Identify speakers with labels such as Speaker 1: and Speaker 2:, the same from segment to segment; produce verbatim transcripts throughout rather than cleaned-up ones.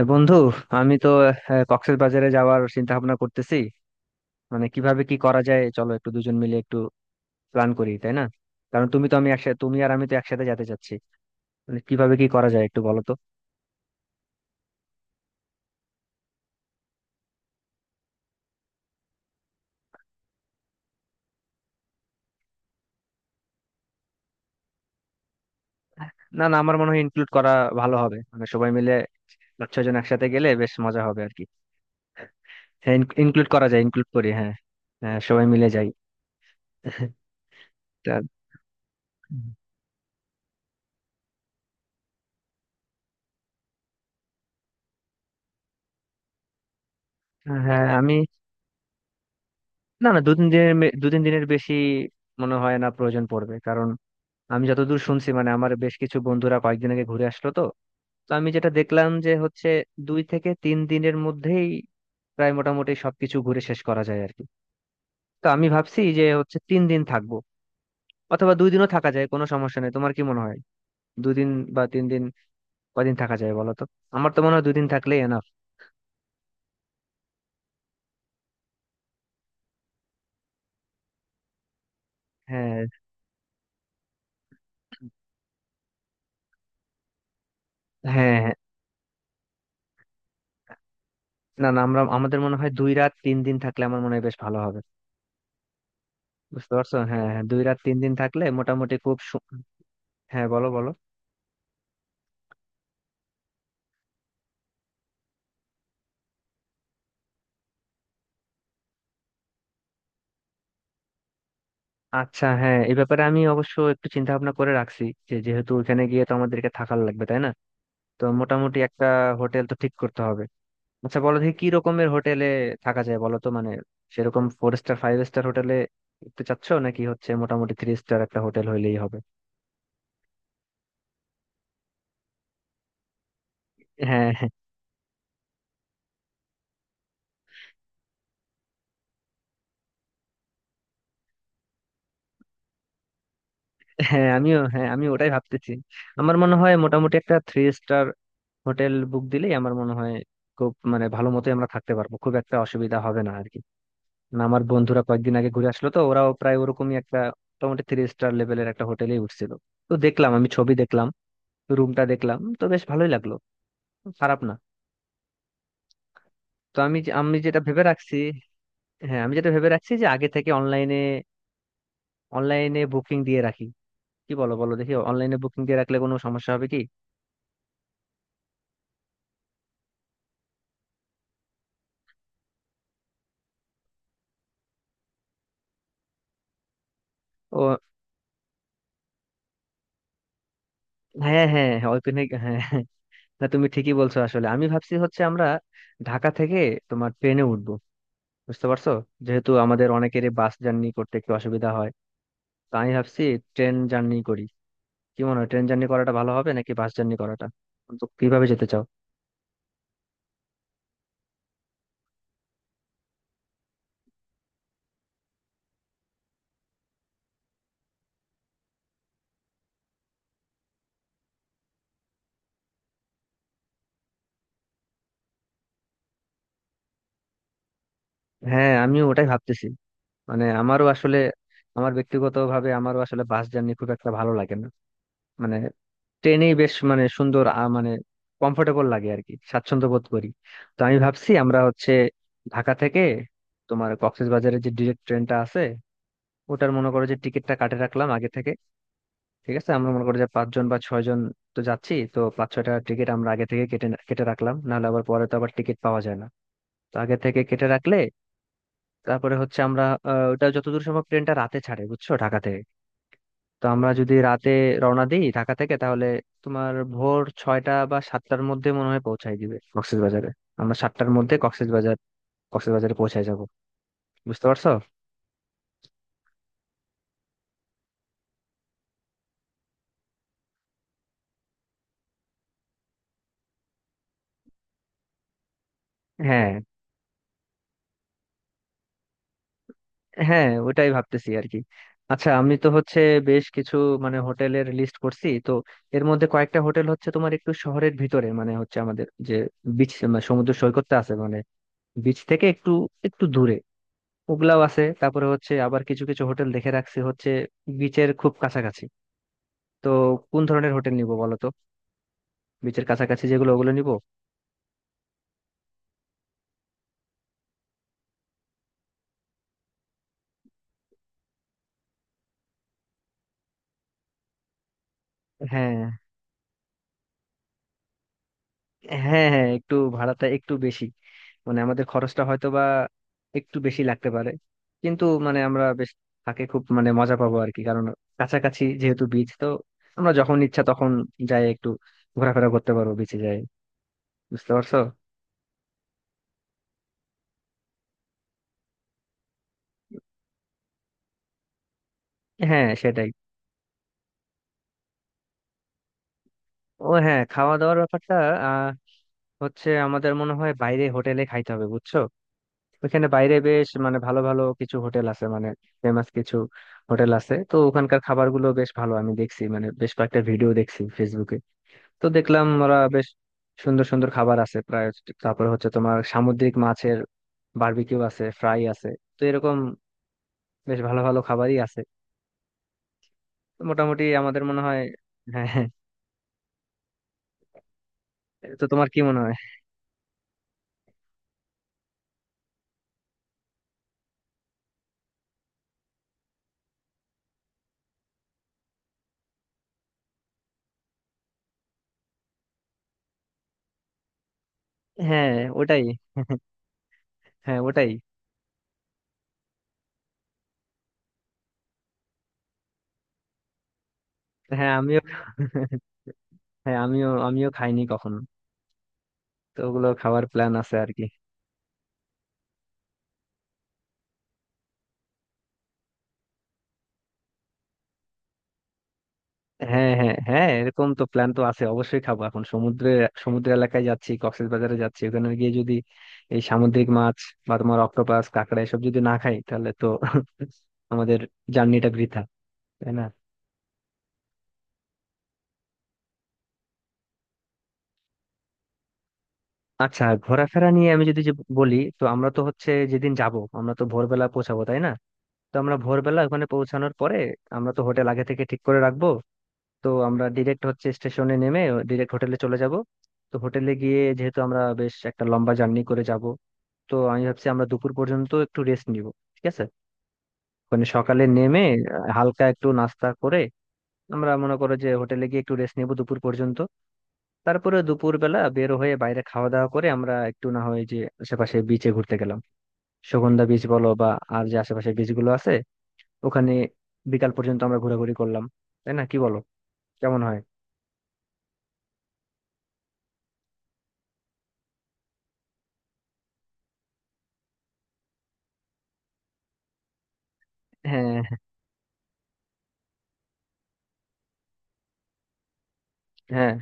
Speaker 1: এ বন্ধু, আমি তো আহ, কক্সবাজারে যাওয়ার চিন্তা ভাবনা করতেছি। মানে কিভাবে কি করা যায়, চলো একটু দুজন মিলে একটু প্ল্যান করি, তাই না? কারণ তুমি তো আমি একসাথে, তুমি আর আমি তো একসাথে যেতে চাচ্ছি। মানে কিভাবে কি করা যায় একটু বলো তো। না না, আমার মনে হয় ইনক্লুড করা ভালো হবে। মানে সবাই মিলে পাঁচ ছজন একসাথে গেলে বেশ মজা হবে আর কি। হ্যাঁ, ইনক্লুড করা যায়, ইনক্লুড করি, হ্যাঁ। হ্যাঁ, সবাই মিলে যাই। তা, হ্যাঁ আমি, না না দু তিন দিনের মে- দু তিন দিনের বেশি মনে হয় না প্রয়োজন পড়বে, কারণ আমি যতদূর শুনছি, মানে আমার বেশ কিছু বন্ধুরা কয়েকদিন আগে ঘুরে আসলো তো। তো আমি যেটা দেখলাম যে হচ্ছে দুই থেকে তিন দিনের মধ্যেই প্রায় মোটামুটি সবকিছু ঘুরে শেষ করা যায় আর কি। তো আমি ভাবছি যে হচ্ছে তিন দিন থাকবো, অথবা দুই দিনও থাকা যায়, কোনো সমস্যা নেই। তোমার কি মনে হয়, দুই দিন বা তিন দিন, কদিন থাকা যায় বলো তো? আমার তো মনে হয় দুই দিন থাকলেই এনাফ। হ্যাঁ হ্যাঁ হ্যাঁ, না না আমরা, আমাদের মনে হয় দুই রাত তিন দিন থাকলে আমার মনে হয় বেশ ভালো হবে। বুঝতে পারছো? হ্যাঁ হ্যাঁ, দুই রাত তিন দিন থাকলে মোটামুটি খুব সু- হ্যাঁ বলো বলো। আচ্ছা হ্যাঁ, এই ব্যাপারে আমি অবশ্য একটু চিন্তা ভাবনা করে রাখছি, যে যেহেতু ওখানে গিয়ে তো আমাদেরকে থাকার লাগবে, তাই না? তো মোটামুটি একটা হোটেল তো ঠিক করতে হবে। আচ্ছা বলো দেখি কি রকমের হোটেলে থাকা যায় বলো তো। মানে সেরকম ফোর স্টার ফাইভ স্টার হোটেলে উঠতে চাচ্ছো, নাকি হচ্ছে মোটামুটি থ্রি স্টার একটা হোটেল হইলেই হবে? হ্যাঁ হ্যাঁ আমিও, হ্যাঁ আমি ওটাই ভাবতেছি। আমার মনে হয় মোটামুটি একটা থ্রি স্টার হোটেল বুক দিলেই আমার মনে হয় খুব মানে ভালো মতোই আমরা থাকতে পারবো, খুব একটা অসুবিধা হবে না আর কি। না আমার বন্ধুরা কয়েকদিন আগে ঘুরে আসলো তো, ওরাও প্রায় ওরকমই একটা মোটামুটি থ্রি স্টার লেভেলের একটা হোটেলে উঠছিল। তো দেখলাম, আমি ছবি দেখলাম, রুমটা দেখলাম, তো বেশ ভালোই লাগলো, খারাপ না। তো আমি যে- আমি যেটা ভেবে রাখছি, হ্যাঁ আমি যেটা ভেবে রাখছি যে আগে থেকে অনলাইনে, অনলাইনে বুকিং দিয়ে রাখি। কি বলো, বলো দেখি অনলাইনে বুকিং দিয়ে রাখলে কোনো সমস্যা হবে কি? ও হ্যাঁ হ্যাঁ হ্যাঁ, ওইখানে, হ্যাঁ হ্যাঁ। না তুমি ঠিকই বলছো, আসলে আমি ভাবছি হচ্ছে আমরা ঢাকা থেকে তোমার ট্রেনে উঠবো। বুঝতে পারছো? যেহেতু আমাদের অনেকেরই বাস জার্নি করতে একটু অসুবিধা হয়, তো আমি ভাবছি ট্রেন জার্নি করি। কি মনে হয়, ট্রেন জার্নি করাটা ভালো হবে নাকি বাস জার্নি করাটা? তো কিভাবে যেতে চাও? হ্যাঁ আমিও ওটাই ভাবতেছি। মানে আমারও আসলে, আমার ব্যক্তিগতভাবে আমারও আসলে বাস জার্নি খুব একটা ভালো লাগে না। মানে ট্রেনেই বেশ মানে সুন্দর আহ, মানে কমফোর্টেবল লাগে আর কি, স্বাচ্ছন্দ্য বোধ করি। তো আমি ভাবছি আমরা হচ্ছে ঢাকা থেকে তোমার কক্সবাজারের যে ডিরেক্ট ট্রেনটা আছে ওটার মনে করো যে টিকিটটা কাটে রাখলাম আগে থেকে। ঠিক আছে, আমরা মনে করি যে পাঁচজন বা ছয়জন তো যাচ্ছি, তো পাঁচ ছয়টা টিকিট আমরা আগে থেকে কেটে কেটে রাখলাম, নাহলে আবার পরে তো আবার টিকিট পাওয়া যায় না। তো আগে থেকে কেটে রাখলে, তারপরে হচ্ছে আমরা, আহ, ওটা যতদূর সম্ভব ট্রেনটা রাতে ছাড়ে, বুঝছো, ঢাকা থেকে। তো আমরা যদি রাতে রওনা দিই ঢাকা থেকে, তাহলে তোমার ভোর ছয়টা বা সাতটার মধ্যে মনে হয় পৌঁছায় দিবে কক্সবাজারে। আমরা সাতটার মধ্যে কক্সবাজার, কক্সবাজারে পৌঁছায় যাব। বুঝতে পারছো? হ্যাঁ হ্যাঁ ওটাই ভাবতেছি আর কি। আচ্ছা আমি তো হচ্ছে বেশ কিছু, মানে হোটেলের লিস্ট করছি তো। এর মধ্যে কয়েকটা হোটেল হচ্ছে তোমার একটু শহরের ভিতরে, মানে হচ্ছে আমাদের যে বিচ, সমুদ্র সৈকতটা আছে মানে, বিচ থেকে একটু একটু দূরে, ওগুলাও আছে। তারপরে হচ্ছে আবার কিছু কিছু হোটেল দেখে রাখছি হচ্ছে বিচের খুব কাছাকাছি। তো কোন ধরনের হোটেল নিব বলো তো? বিচের কাছাকাছি যেগুলো ওগুলো নিব। হ্যাঁ হ্যাঁ হ্যাঁ, একটু ভাড়াটা একটু বেশি, মানে আমাদের খরচটা হয়তো বা একটু বেশি লাগতে পারে। কিন্তু মানে আমরা বেশ থাকে খুব মানে মজা পাবো আর কি, কারণ কাছাকাছি যেহেতু বিচ তো আমরা যখন ইচ্ছা তখন যাই, একটু ঘোরাফেরা করতে পারবো, বিচে যাই। বুঝতে পারছো? হ্যাঁ সেটাই। ও হ্যাঁ, খাওয়া দাওয়ার ব্যাপারটা আহ হচ্ছে আমাদের মনে হয় বাইরে হোটেলে খাইতে হবে, বুঝছো। ওইখানে বাইরে বেশ মানে ভালো ভালো কিছু হোটেল আছে, মানে ফেমাস কিছু হোটেল আছে। তো ওখানকার খাবারগুলো বেশ ভালো, আমি দেখছি মানে বেশ কয়েকটা ভিডিও দেখছি ফেসবুকে। তো দেখলাম ওরা বেশ সুন্দর সুন্দর খাবার আছে প্রায়। তারপর হচ্ছে তোমার সামুদ্রিক মাছের বারবিকিউ আছে, ফ্রাই আছে। তো এরকম বেশ ভালো ভালো খাবারই আছে। তো মোটামুটি আমাদের মনে হয়, হ্যাঁ হ্যাঁ। তো তোমার কি মনে হয়? হ্যাঁ ওটাই, হ্যাঁ ওটাই। হ্যাঁ আমিও। হ্যাঁ আমিও আমিও খাইনি কখনো। তো ওগুলো খাওয়ার প্ল্যান আছে আর কি। হ্যাঁ হ্যাঁ হ্যাঁ, এরকম তো প্ল্যান তো আছে, অবশ্যই খাবো। এখন সমুদ্রে, সমুদ্র এলাকায় যাচ্ছি, কক্সবাজারে যাচ্ছি, ওখানে গিয়ে যদি এই সামুদ্রিক মাছ বা তোমার অক্টোপাস কাঁকড়া এসব যদি না খাই, তাহলে তো আমাদের জার্নিটা বৃথা, তাই না? আচ্ছা, ঘোরাফেরা নিয়ে আমি যদি যে বলি, তো আমরা তো হচ্ছে যেদিন যাব, আমরা তো ভোরবেলা পৌঁছাবো, তাই না? তো আমরা ভোরবেলা ওখানে পৌঁছানোর পরে, আমরা তো হোটেল আগে থেকে ঠিক করে রাখবো, তো আমরা ডিরেক্ট হচ্ছে স্টেশনে নেমে ডিরেক্ট হোটেলে চলে যাব। তো হোটেলে গিয়ে যেহেতু আমরা বেশ একটা লম্বা জার্নি করে যাব, তো আমি ভাবছি আমরা দুপুর পর্যন্ত একটু রেস্ট নিব, ঠিক আছে? মানে সকালে নেমে আহ, হালকা একটু নাস্তা করে আমরা মনে করো যে হোটেলে গিয়ে একটু রেস্ট নেব দুপুর পর্যন্ত। তারপরে দুপুরবেলা বের হয়ে বাইরে খাওয়া দাওয়া করে আমরা একটু না হয় যে আশেপাশে বিচে ঘুরতে গেলাম, সুগন্ধা বিচ বলো বা আর যে আশেপাশে বিচ গুলো আছে ওখানে বিকাল পর্যন্ত আমরা ঘোরাঘুরি করলাম, তাই না? কি বলো, কেমন হয়? হ্যাঁ হ্যাঁ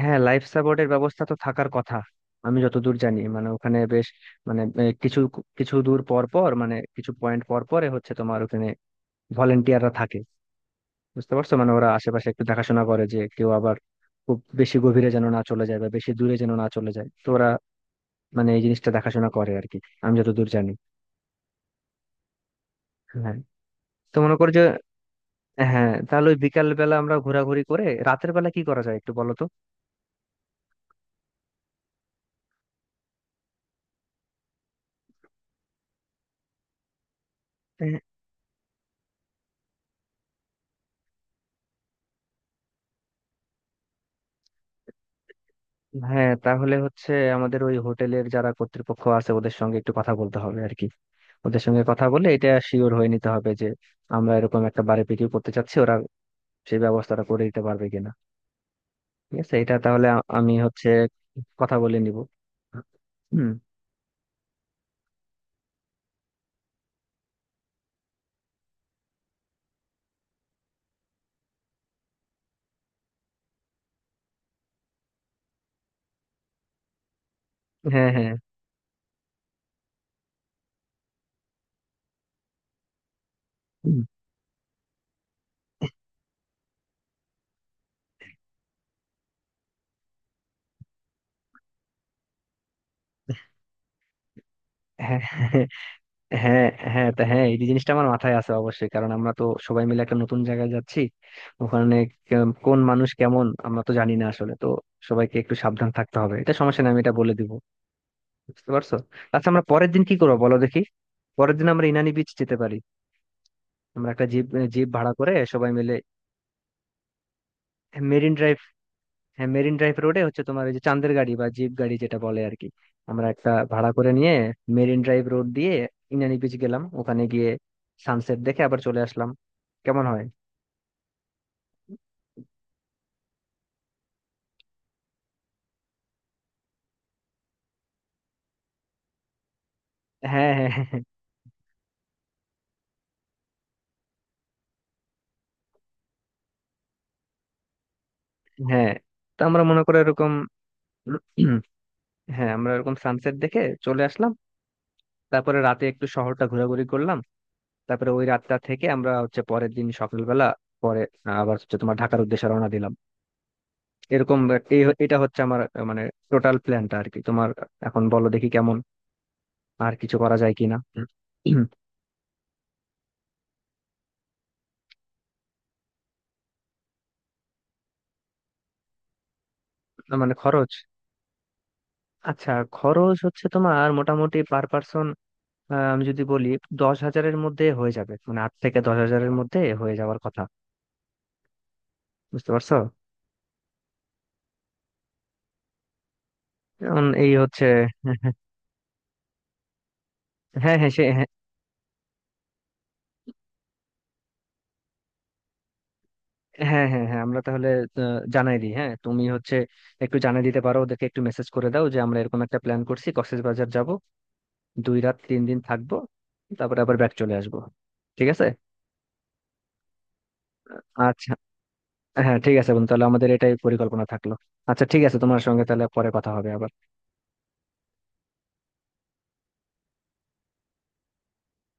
Speaker 1: হ্যাঁ। লাইফ সাপোর্টের ব্যবস্থা তো থাকার কথা। আমি যতদূর জানি, মানে ওখানে বেশ মানে আহ, কিছু কিছু দূর পর পর, মানে কিছু পয়েন্ট পর পরে হচ্ছে তোমার ওখানে ভলেন্টিয়াররা থাকে। বুঝতে পারছো? মানে ওরা আশেপাশে একটু দেখাশোনা করে যে কেউ আবার খুব বেশি গভীরে যেন না চলে যায়, বা বেশি দূরে যেন না চলে যায়। তো ওরা মানে এই জিনিসটা দেখাশোনা করে আর কি, আমি যতদূর জানি। হ্যাঁ, তো মনে করো যে, হ্যাঁ, তাহলে ওই বিকাল বেলা আমরা ঘোরাঘুরি করে রাতের বেলা কি করা যায় একটু বলো তো। হ্যাঁ তাহলে হচ্ছে আমাদের ওই হোটেলের যারা কর্তৃপক্ষ আছে ওদের সঙ্গে একটু কথা বলতে হবে আর কি। ওদের সঙ্গে কথা বলে এটা শিওর হয়ে নিতে হবে যে আমরা এরকম একটা বার্বিকিউ করতে চাচ্ছি, ওরা সেই ব্যবস্থাটা করে দিতে পারবে কিনা। ঠিক আছে, এটা তাহলে আ- আমি হচ্ছে কথা বলে নিব। হুম, হ্যাঁ হ্যাঁ, হুম, হ্যাঁ। হ্যাঁ হ্যাঁ তা হ্যাঁ, এই জিনিসটা আমার মাথায় আছে অবশ্যই, কারণ আমরা তো সবাই মিলে একটা নতুন জায়গায় যাচ্ছি। ওখানে কেম- কোন মানুষ কেমন আমরা তো জানি না আসলে। তো সবাইকে একটু সাবধান থাকতে হবে, এটা সমস্যা নেই, আমি এটা বলে দিব। বুঝতে পারছো? আচ্ছা আমরা পরের দিন কি করবো বলো দেখি। পরের দিন আমরা ইনানি বিচ যেতে পারি। আমরা একটা জিপ, জিপ ভাড়া করে সবাই মিলে মেরিন ড্রাইভ, হ্যাঁ মেরিন ড্রাইভ রোডে হচ্ছে তোমার ওই যে চান্দের গাড়ি বা জিপ গাড়ি যেটা বলে আর কি, আমরা একটা ভাড়া করে নিয়ে মেরিন ড্রাইভ রোড দিয়ে ইনানি বিচ গেলাম, ওখানে গিয়ে সানসেট দেখে আবার চলে আসলাম। কেমন হয়? হ্যাঁ হ্যাঁ হ্যাঁ হ্যাঁ। তো আমরা মনে করে এরকম হ্যাঁ আমরা এরকম সানসেট দেখে চলে আসলাম। তারপরে রাতে একটু শহরটা ঘোরাঘুরি করলাম। তারপরে ওই রাতটা থেকে আমরা হচ্ছে পরের দিন সকালবেলা পরে আবার হচ্ছে তোমার ঢাকার উদ্দেশ্যে রওনা দিলাম। এরকম, এই- এটা হচ্ছে আমার আহ, মানে টোটাল প্ল্যানটা আর কি তোমার। এখন বলো দেখি কেমন, আর কিছু করা যায় কিনা। না, মানে খরচ। আচ্ছা, খরচ হচ্ছে তোমার মোটামুটি পার পার্সন আমি যদি বলি, দশ হাজারের মধ্যে হয়ে যাবে, মানে আট থেকে দশ হাজারের মধ্যে হয়ে যাওয়ার কথা। বুঝতে পারছো? এখন এই হচ্ছে, হ্যাঁ হ্যাঁ সে হ্যাঁ, হ্যাঁ হ্যাঁ হ্যাঁ আমরা তাহলে আহ, জানাই দিই। হ্যাঁ তুমি হচ্ছে একটু জানাই দিতে পারো, ওদেরকে একটু মেসেজ করে দাও যে আমরা এরকম একটা প্ল্যান করছি, কক্সবাজার যাব, দুই রাত তিন দিন থাকবো, তারপরে আবার ব্যাক চলে আসবো। ঠিক আছে? আচ্ছা, হ্যাঁ ঠিক আছে বন্ধু, তাহলে আমাদের এটাই পরিকল্পনা থাকলো। আচ্ছা ঠিক আছে, তোমার সঙ্গে তাহলে পরে কথা হবে আবার।